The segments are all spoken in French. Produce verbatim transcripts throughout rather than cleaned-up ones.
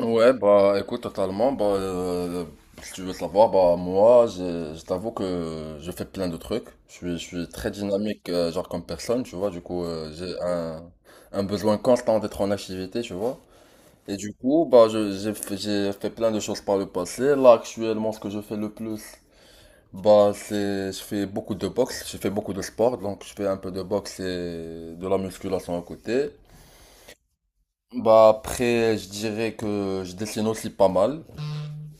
Ouais, bah écoute, totalement. Bah, euh, si tu veux savoir, bah moi, je, je t'avoue que je fais plein de trucs. Je suis, je suis très dynamique, euh, genre comme personne, tu vois. Du coup, euh, j'ai un, un besoin constant d'être en activité, tu vois. Et du coup, bah, je, j'ai, fait- j'ai fait plein de choses par le passé. Là, actuellement, ce que je fais le plus, bah, c'est, je fais beaucoup de boxe, je fais beaucoup de sport. Donc, je fais un peu de boxe et de la musculation à côté. Bah, après, je dirais que je dessine aussi pas mal.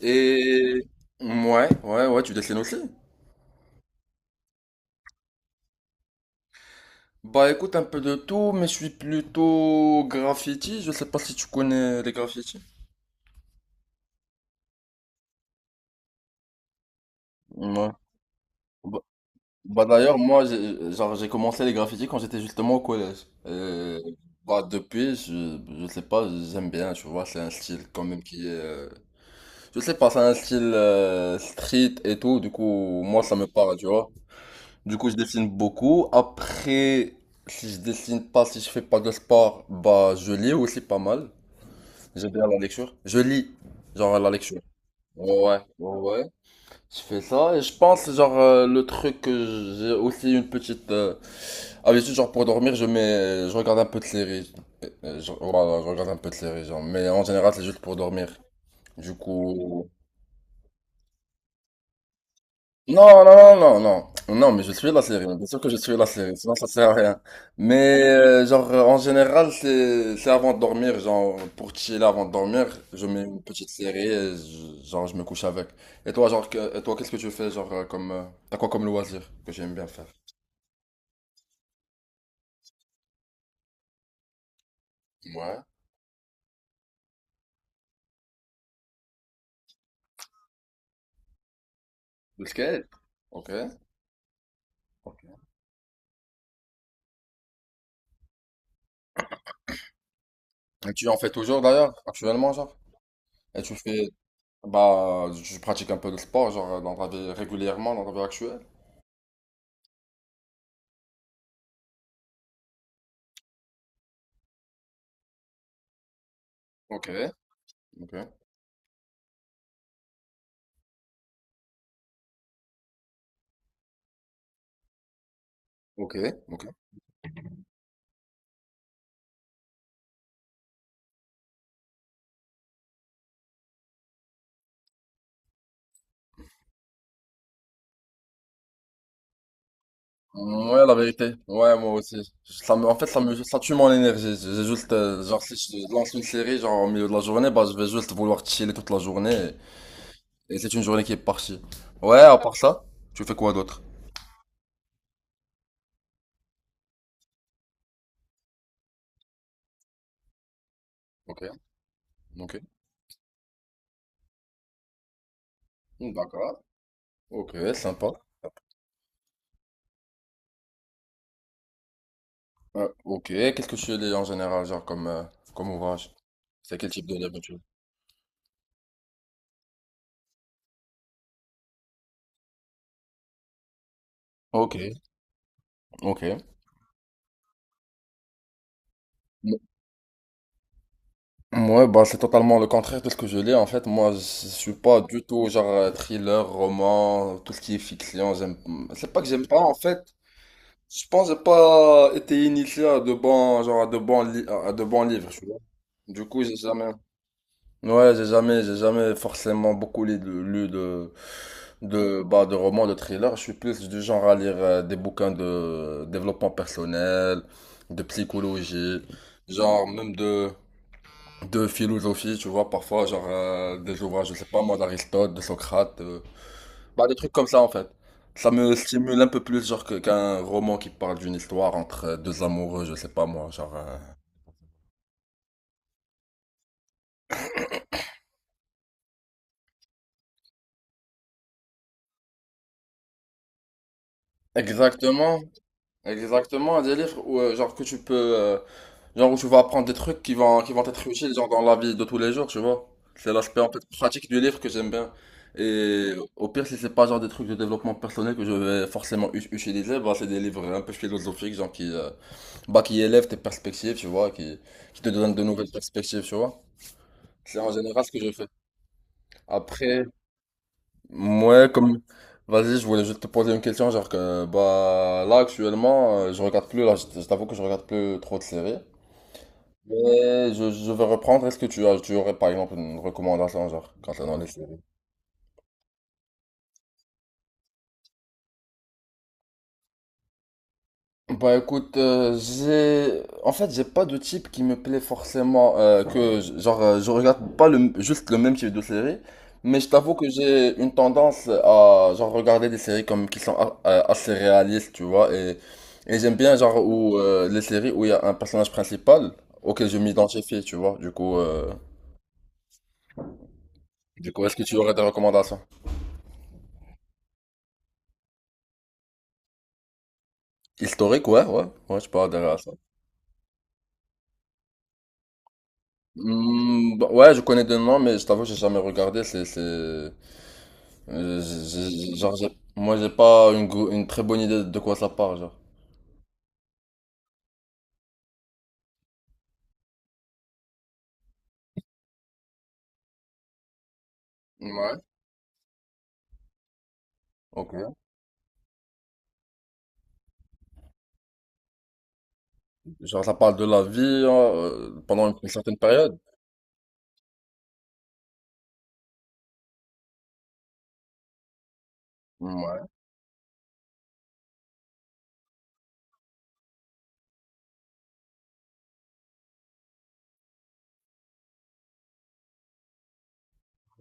Et ouais, ouais, ouais, tu dessines aussi? Bah écoute un peu de tout, mais je suis plutôt graffiti. Je sais pas si tu connais les graffitis. Ouais. Bah, bah, d'ailleurs moi j'ai genre j'ai commencé les graffitis quand j'étais justement au collège. Et, bah depuis je, je sais pas, j'aime bien, tu vois, c'est un style quand même qui est euh, je sais pas, c'est un style euh, street et tout, du coup moi ça me parle, tu vois. Du coup, je dessine beaucoup. Après, si je dessine pas, si je fais pas de sport, bah, je lis aussi pas mal. J'aime bien la lecture. Je lis, genre la lecture. Ouais, ouais, ouais. Je fais ça et je pense, genre, euh, le truc que j'ai aussi une petite euh, habitude, genre pour dormir, je mets, je regarde un peu de série. Euh, euh, je, voilà, je regarde un peu de série genre, mais en général, c'est juste pour dormir. Du coup, non, non, non, non, non, non, mais je suis la série, bien sûr que je suis la série, sinon ça sert à rien. Mais euh, genre euh, en général, c'est c'est avant de dormir, genre pour chiller avant de dormir, je mets une petite série et je- genre je me couche avec. Et toi, genre, que- et toi, qu'est-ce que tu fais, genre euh, comme, euh, t'as quoi comme loisir que j'aime bien faire? Ouais, le skate. Ok. Ok. Et tu en fais toujours d'ailleurs, actuellement, genre? Et tu fais, bah, tu pratiques un peu de sport, genre dans ta vie régulièrement, dans ta vie actuelle? Ok, ok, ok, ok. Ouais, la vérité. Ouais, moi aussi. Ça me, en fait, ça me, ça tue mon énergie. J'ai juste, euh, genre, si je lance une série, genre, au milieu de la journée, bah, je vais juste vouloir chiller toute la journée. Et, et c'est une journée qui est partie. Ouais, à part ça, tu fais quoi d'autre? Ok, ok. D'accord. Ok, sympa. Euh, ok, qu'est-ce que tu lis en général, genre, comme, euh, comme ouvrage? C'est quel type de livre tu lis? Ok, ok. Ouais, bah c'est totalement le contraire de ce que je lis. En fait, moi, je suis pas du tout genre euh, thriller, roman, tout ce qui est fiction. J'aime, c'est pas que j'aime pas. En fait, je pense que j'ai pas été initié à de bons, genre à de bons li- à de bons livres. Tu vois. Du coup, j'ai jamais. Ouais, j'ai jamais, j'ai jamais forcément beaucoup lu de, lu de, de, bah, de romans, de thrillers. Je suis plus du genre à lire euh, des bouquins de développement personnel, de psychologie, genre même de de philosophie, tu vois, parfois, genre euh, des ouvrages, je sais pas moi, d'Aristote, de Socrate, euh, bah des trucs comme ça en fait. Ça me stimule un peu plus, genre, que- qu'un roman qui parle d'une histoire entre euh, deux amoureux, je sais pas moi, genre. euh, exactement, exactement, des livres où, euh, genre, que tu peux, euh, genre, où tu vas apprendre des trucs qui vont, qui vont être utiles, genre, dans la vie de tous les jours, tu vois. C'est l'aspect, en fait, pratique du livre que j'aime bien. Et au pire, si c'est pas, genre, des trucs de développement personnel que je vais forcément u- utiliser, bah, c'est des livres un peu philosophiques, genre, qui, euh, bah, qui élève tes perspectives, tu vois, qui, qui te donne de nouvelles perspectives, tu vois. C'est en général ce que je fais. Après, moi, comme... Vas-y, je voulais juste te poser une question, genre que, bah, là, actuellement, euh, je regarde plus, là, je je t'avoue que je regarde plus trop de séries. Mais je, je vais reprendre, est-ce que tu as, tu aurais, par exemple, une recommandation, genre, concernant les séries? Bah écoute, euh, j'ai en fait j'ai pas de type qui me plaît forcément euh, que j- genre euh, je regarde pas le juste le même type de série, mais je t'avoue que j'ai une tendance à genre regarder des séries comme qui sont a- a- assez réalistes, tu vois, et et j'aime bien genre où euh, les séries où il y a un personnage principal auquel je m'identifie, tu vois. Du coup euh, du coup, est-ce que tu aurais des recommandations? Historique, ouais, ouais. Ouais, je peux adhérer à ça. Hmm, bah, ouais, je connais des noms, mais je t'avoue que j'ai jamais regardé, c'est c'est Euh, j'ai- j'ai- Genre, j'ai- moi, j'ai pas une, go- une très bonne idée de quoi ça parle, genre. Ouais, ok. Genre, ça parle de la vie hein, euh, pendant une, une certaine période. Ouais,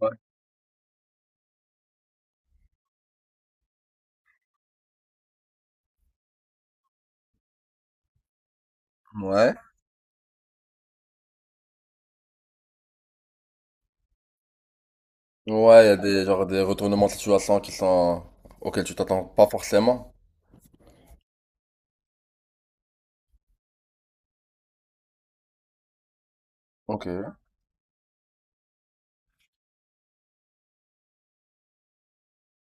ouais. Ouais. Ouais, il y a des, genre, des retournements de situation qui sont... auxquels tu t'attends pas forcément. Ok.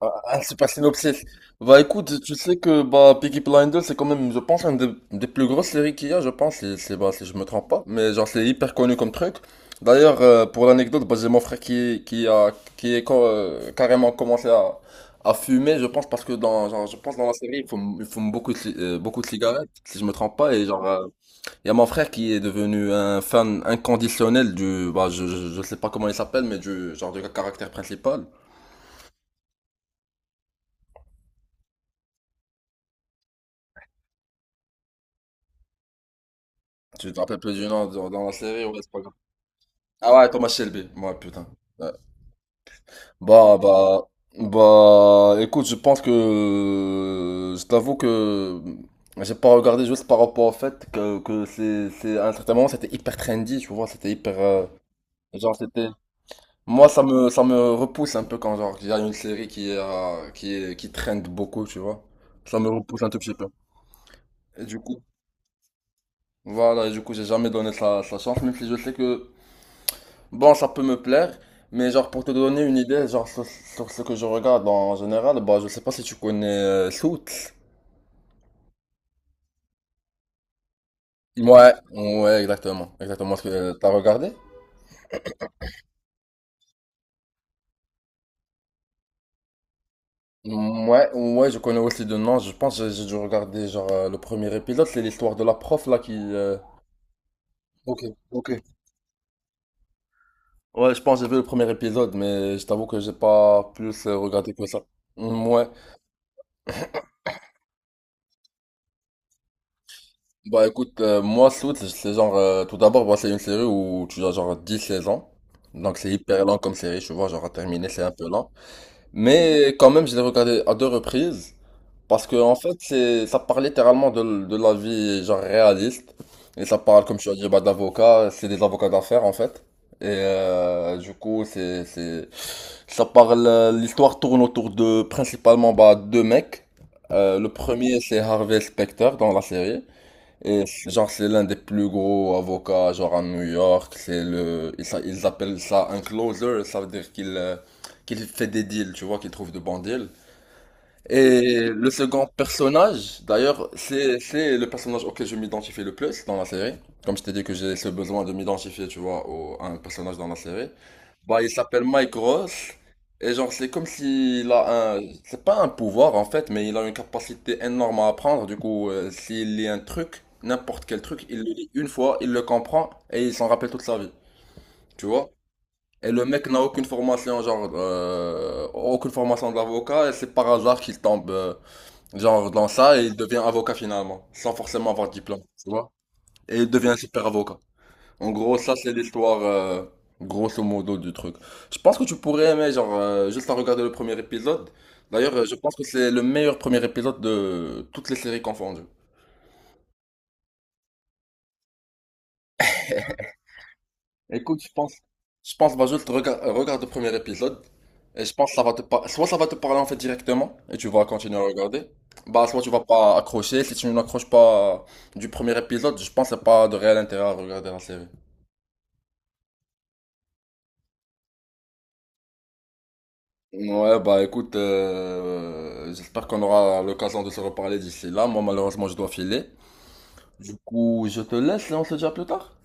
Ah, ah, c'est pas synopsis. Bah écoute, tu sais que bah Peaky Blinders c'est quand même, je pense, une des, des plus grosses séries qu'il y a, je pense, si, si, bah, si je me trompe pas. Mais genre c'est hyper connu comme truc. D'ailleurs, euh, pour l'anecdote, bah, j'ai mon frère qui, qui a qui est co- euh, carrément commencé à, à fumer, je pense, parce que dans genre, je pense dans la série, il fume, il fume beaucoup de, ci- euh, beaucoup de cigarettes, si je me trompe pas. Et genre, euh, il y a mon frère qui est devenu un fan inconditionnel du, bah je, je, je sais pas comment il s'appelle, mais du genre du caractère principal. Tu te rappelles plus du nom dans dans la série, ouais, c'est pas grave. Ah ouais, Thomas Shelby. Ouais, putain. Ouais. Bah, bah, bah, écoute, je pense que, je t'avoue que j'ai pas regardé juste par rapport au fait que, que c'est, c'est, à un certain moment, c'était hyper trendy, tu vois, c'était hyper, euh, genre, c'était, moi, ça me, ça me repousse un peu quand, genre, il y a une série qui, est, euh, qui, est- qui trend beaucoup, tu vois. Ça me repousse un tout petit peu. Et du coup, voilà, et du coup, j'ai jamais donné sa, sa chance, même si je sais que, bon, ça peut me plaire, mais genre pour te donner une idée, genre sur, sur ce que je regarde en général, bah je sais pas si tu connais euh, Suits. Ouais, ouais, exactement, exactement ce que euh, t'as regardé. Ouais, ouais, je connais aussi de nom. Je pense que j'ai j'ai dû regarder genre euh, le premier épisode, c'est l'histoire de la prof là qui. euh, Ok, ok. Ouais, je pense que j'ai vu le premier épisode, mais je t'avoue que j'ai pas plus euh, regardé que ça. Mm, ouais. Bah écoute, euh, moi Suits, c'est genre, euh, tout d'abord, bah, c'est une série où tu as genre dix saisons. Donc c'est hyper lent comme série, tu vois, genre à terminer, c'est un peu lent. Mais quand même, je l'ai regardé à deux reprises. Parce que en fait, c'est, ça parle littéralement de, l- de la vie genre réaliste. Et ça parle, comme tu as dit, bah, d'avocats, c'est des avocats d'affaires en fait. Et euh, du coup, c'est, c'est, ça parle, euh, l'histoire tourne autour de principalement bah, deux mecs. Euh, le premier, c'est Harvey Specter dans la série. Et c'est- genre, c'est l'un des plus gros avocats, genre à New York. C'est le, ils, s'a- ils appellent ça un closer. Ça veut dire qu'il euh, qu'il fait des deals, tu vois, qu'il trouve de bons deals. Et le second personnage, d'ailleurs, c'est, c'est le personnage auquel je m'identifie le plus dans la série. Comme je t'ai dit que j'ai ce besoin de m'identifier, tu vois, au- à un personnage dans la série. Bah, il s'appelle Mike Ross. Et genre, c'est comme s'il a un... C'est pas un pouvoir, en fait, mais il a une capacité énorme à apprendre. Du coup, euh, s'il lit un truc, n'importe quel truc, il le lit une fois, il le comprend, et il s'en rappelle toute sa vie. Tu vois? Et le mec n'a aucune formation, genre, euh, aucune formation d'avocat, et c'est par hasard qu'il tombe... euh, genre, dans ça, il devient avocat finalement, sans forcément avoir de diplôme, tu vois? Et il devient un super avocat. En gros, ça, c'est l'histoire, euh, grosso modo, du truc. Je pense que tu pourrais aimer, genre, euh, juste en regarder le premier épisode. D'ailleurs, euh, je pense que c'est le meilleur premier épisode de toutes les séries confondues. Écoute, je pense, je pense, vas juste regarde, regarde le premier épisode. Et je pense que ça va te par- soit ça va te parler en fait directement et tu vas continuer à regarder. Bah, soit tu vas pas accrocher. Si tu n'accroches pas euh, du premier épisode, je pense que c'est pas de réel intérêt à regarder la série. Ouais, bah écoute, euh, j'espère qu'on aura l'occasion de se reparler d'ici là. Moi, malheureusement, je dois filer. Du coup, je te laisse et on se dit à plus tard.